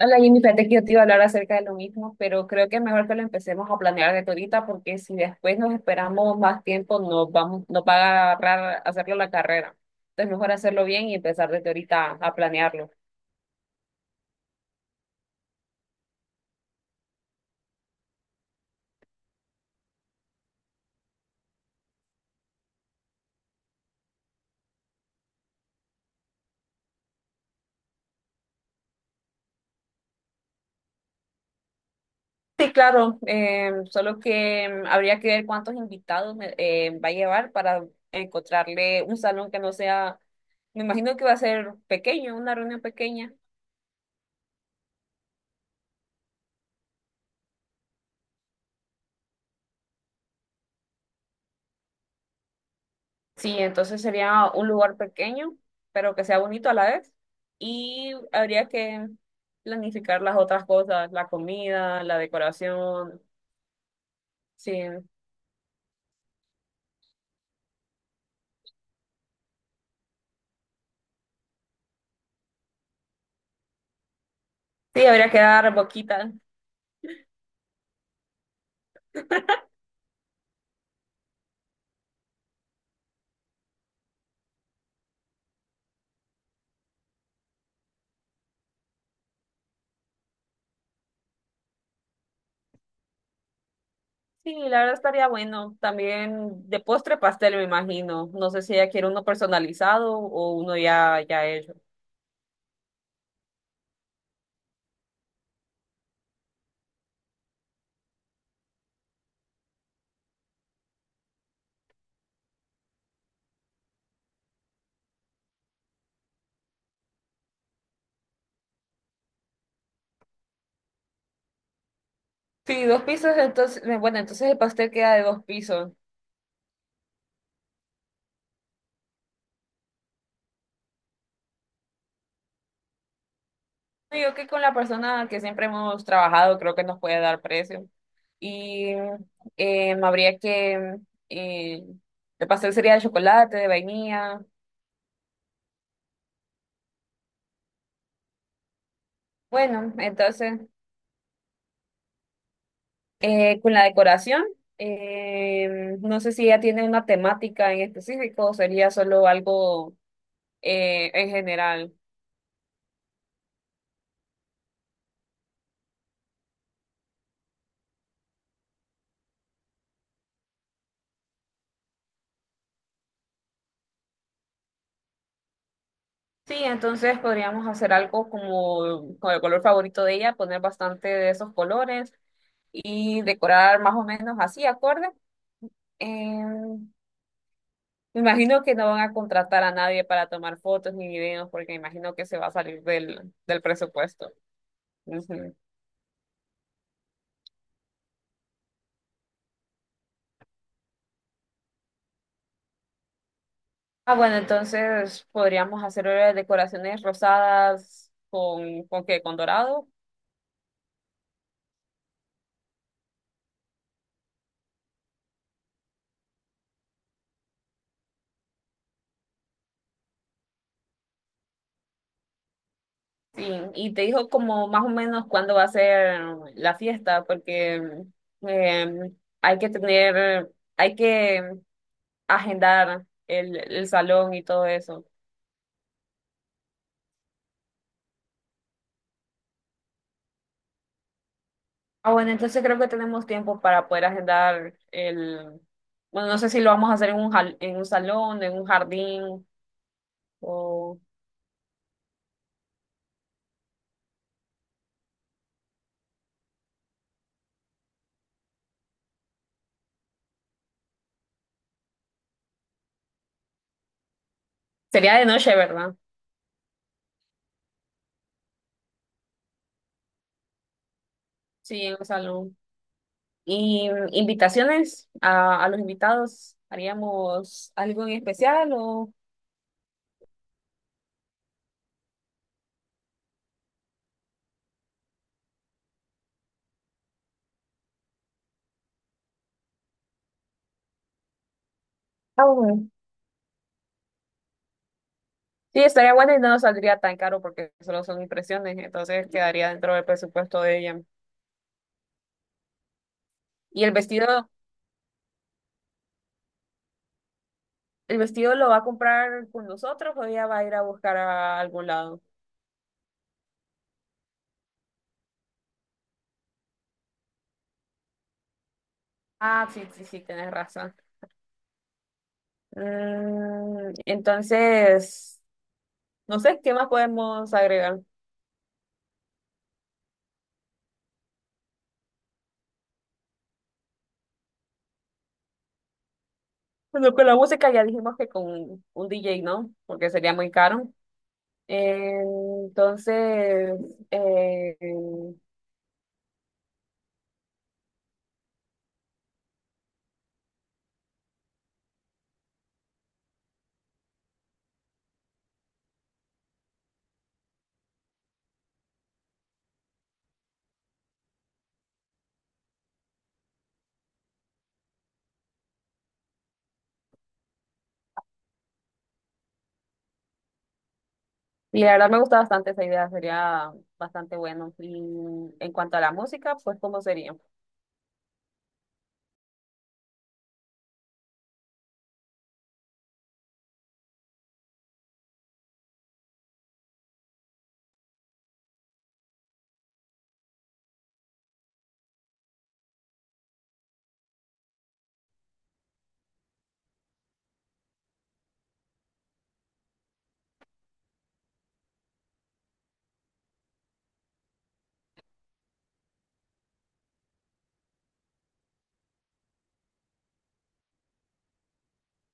Hola Jimmy, fíjate que yo te iba a hablar acerca de lo mismo, pero creo que es mejor que lo empecemos a planear desde ahorita, porque si después nos esperamos más tiempo, nos va a agarrar hacerlo la carrera. Entonces mejor hacerlo bien y empezar desde ahorita a planearlo. Sí, claro, solo que habría que ver cuántos invitados va a llevar para encontrarle un salón que no sea, me imagino que va a ser pequeño, una reunión pequeña. Sí, entonces sería un lugar pequeño, pero que sea bonito a la vez. Y habría que planificar las otras cosas, la comida, la decoración. Sí, sí, habría que dar boquita. Sí, la verdad estaría bueno. También de postre pastel, me imagino. No sé si ella quiere uno personalizado o uno ya hecho. Sí, dos pisos, entonces, bueno, entonces el pastel queda de dos pisos. Yo que con la persona que siempre hemos trabajado, creo que nos puede dar precio. Y habría que eh, el pastel sería de chocolate, de vainilla. Bueno, entonces con la decoración, no sé si ella tiene una temática en específico o sería solo algo en general. Sí, entonces podríamos hacer algo como con el color favorito de ella, poner bastante de esos colores y decorar más o menos así, acorde. Em, Me imagino que no van a contratar a nadie para tomar fotos ni videos porque imagino que se va a salir del presupuesto. Ujú. Ah, bueno, entonces podríamos hacer decoraciones rosadas ¿con qué? ¿Con dorado? Sí. Y te dijo como más o menos cuándo va a ser la fiesta porque eh, hay que hay que agendar el salón y todo eso. Ah, bueno, entonces creo que tenemos tiempo para poder agendar el... Bueno, no sé si lo vamos a hacer en en un salón, en un jardín, o... Sería de noche, ¿verdad? Sí, en un salón. ¿Y invitaciones a los invitados? ¿Haríamos algo en especial o...? Ah, bueno. Sí, estaría bueno y no nos saldría tan caro porque solo son impresiones, entonces quedaría dentro del presupuesto de ella. ¿Y el vestido lo va a comprar con nosotros o ella va a ir a buscar a algún lado? Ah, sí, sí, sí, tienes razón. Mm, entonces, no sé, ¿qué más podemos agregar? Bueno, con la música ya dijimos que con un DJ no, porque sería muy caro. Eh, entonces, eh, y la verdad me gusta bastante esa idea, sería bastante bueno. Y en cuanto a la música, pues, ¿cómo sería?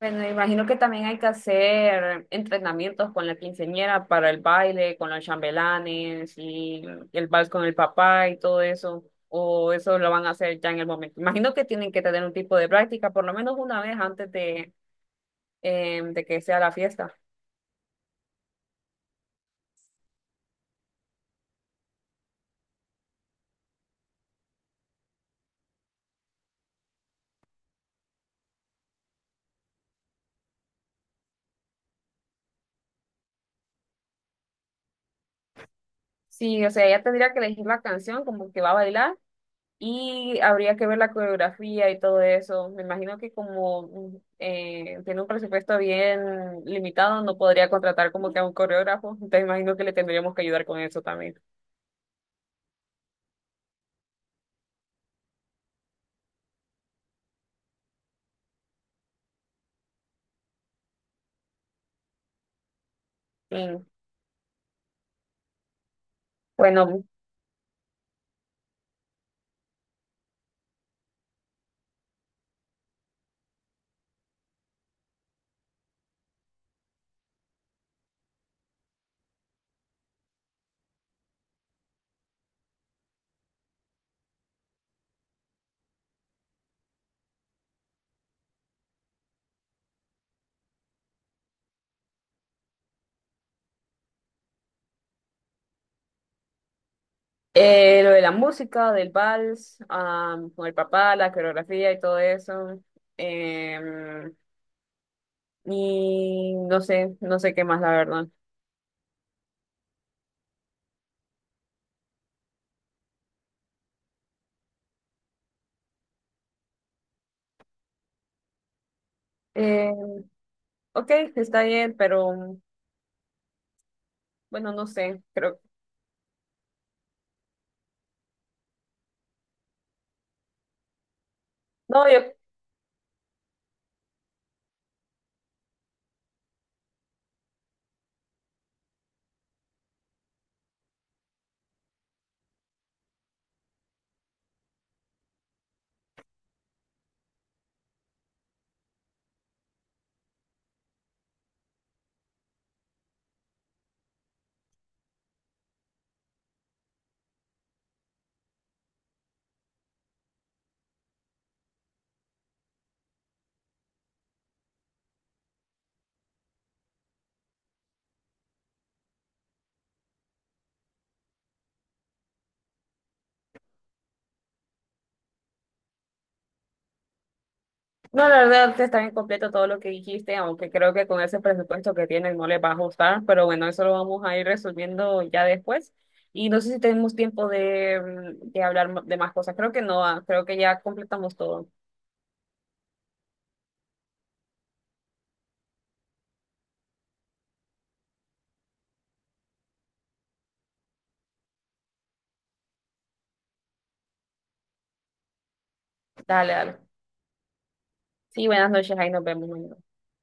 Bueno, me imagino que también hay que hacer entrenamientos con la quinceañera para el baile, con los chambelanes y el vals con el papá y todo eso. O eso lo van a hacer ya en el momento. Imagino que tienen que tener un tipo de práctica, por lo menos una vez antes de, de que sea la fiesta. Sí, o sea, ella tendría que elegir la canción como que va a bailar. Y habría que ver la coreografía y todo eso. Me imagino que como tiene un presupuesto bien limitado, no podría contratar como que a un coreógrafo. Entonces imagino que le tendríamos que ayudar con eso también. Sí. Bueno, lo de la música, del vals, con el papá, la coreografía y todo eso. Em, y no sé, no sé qué más, la verdad. Em, ok, está bien, pero bueno, no sé. Creo, no, yo No, la verdad está bien completo todo lo que dijiste, aunque creo que con ese presupuesto que tienen no les va a ajustar, pero bueno, eso lo vamos a ir resolviendo ya después. Y no sé si tenemos tiempo de, de hablar de más cosas. Creo que no, ah, creo que ya completamos todo. Dale, dale. Sí, buenas noches, ahí nos vemos mañana.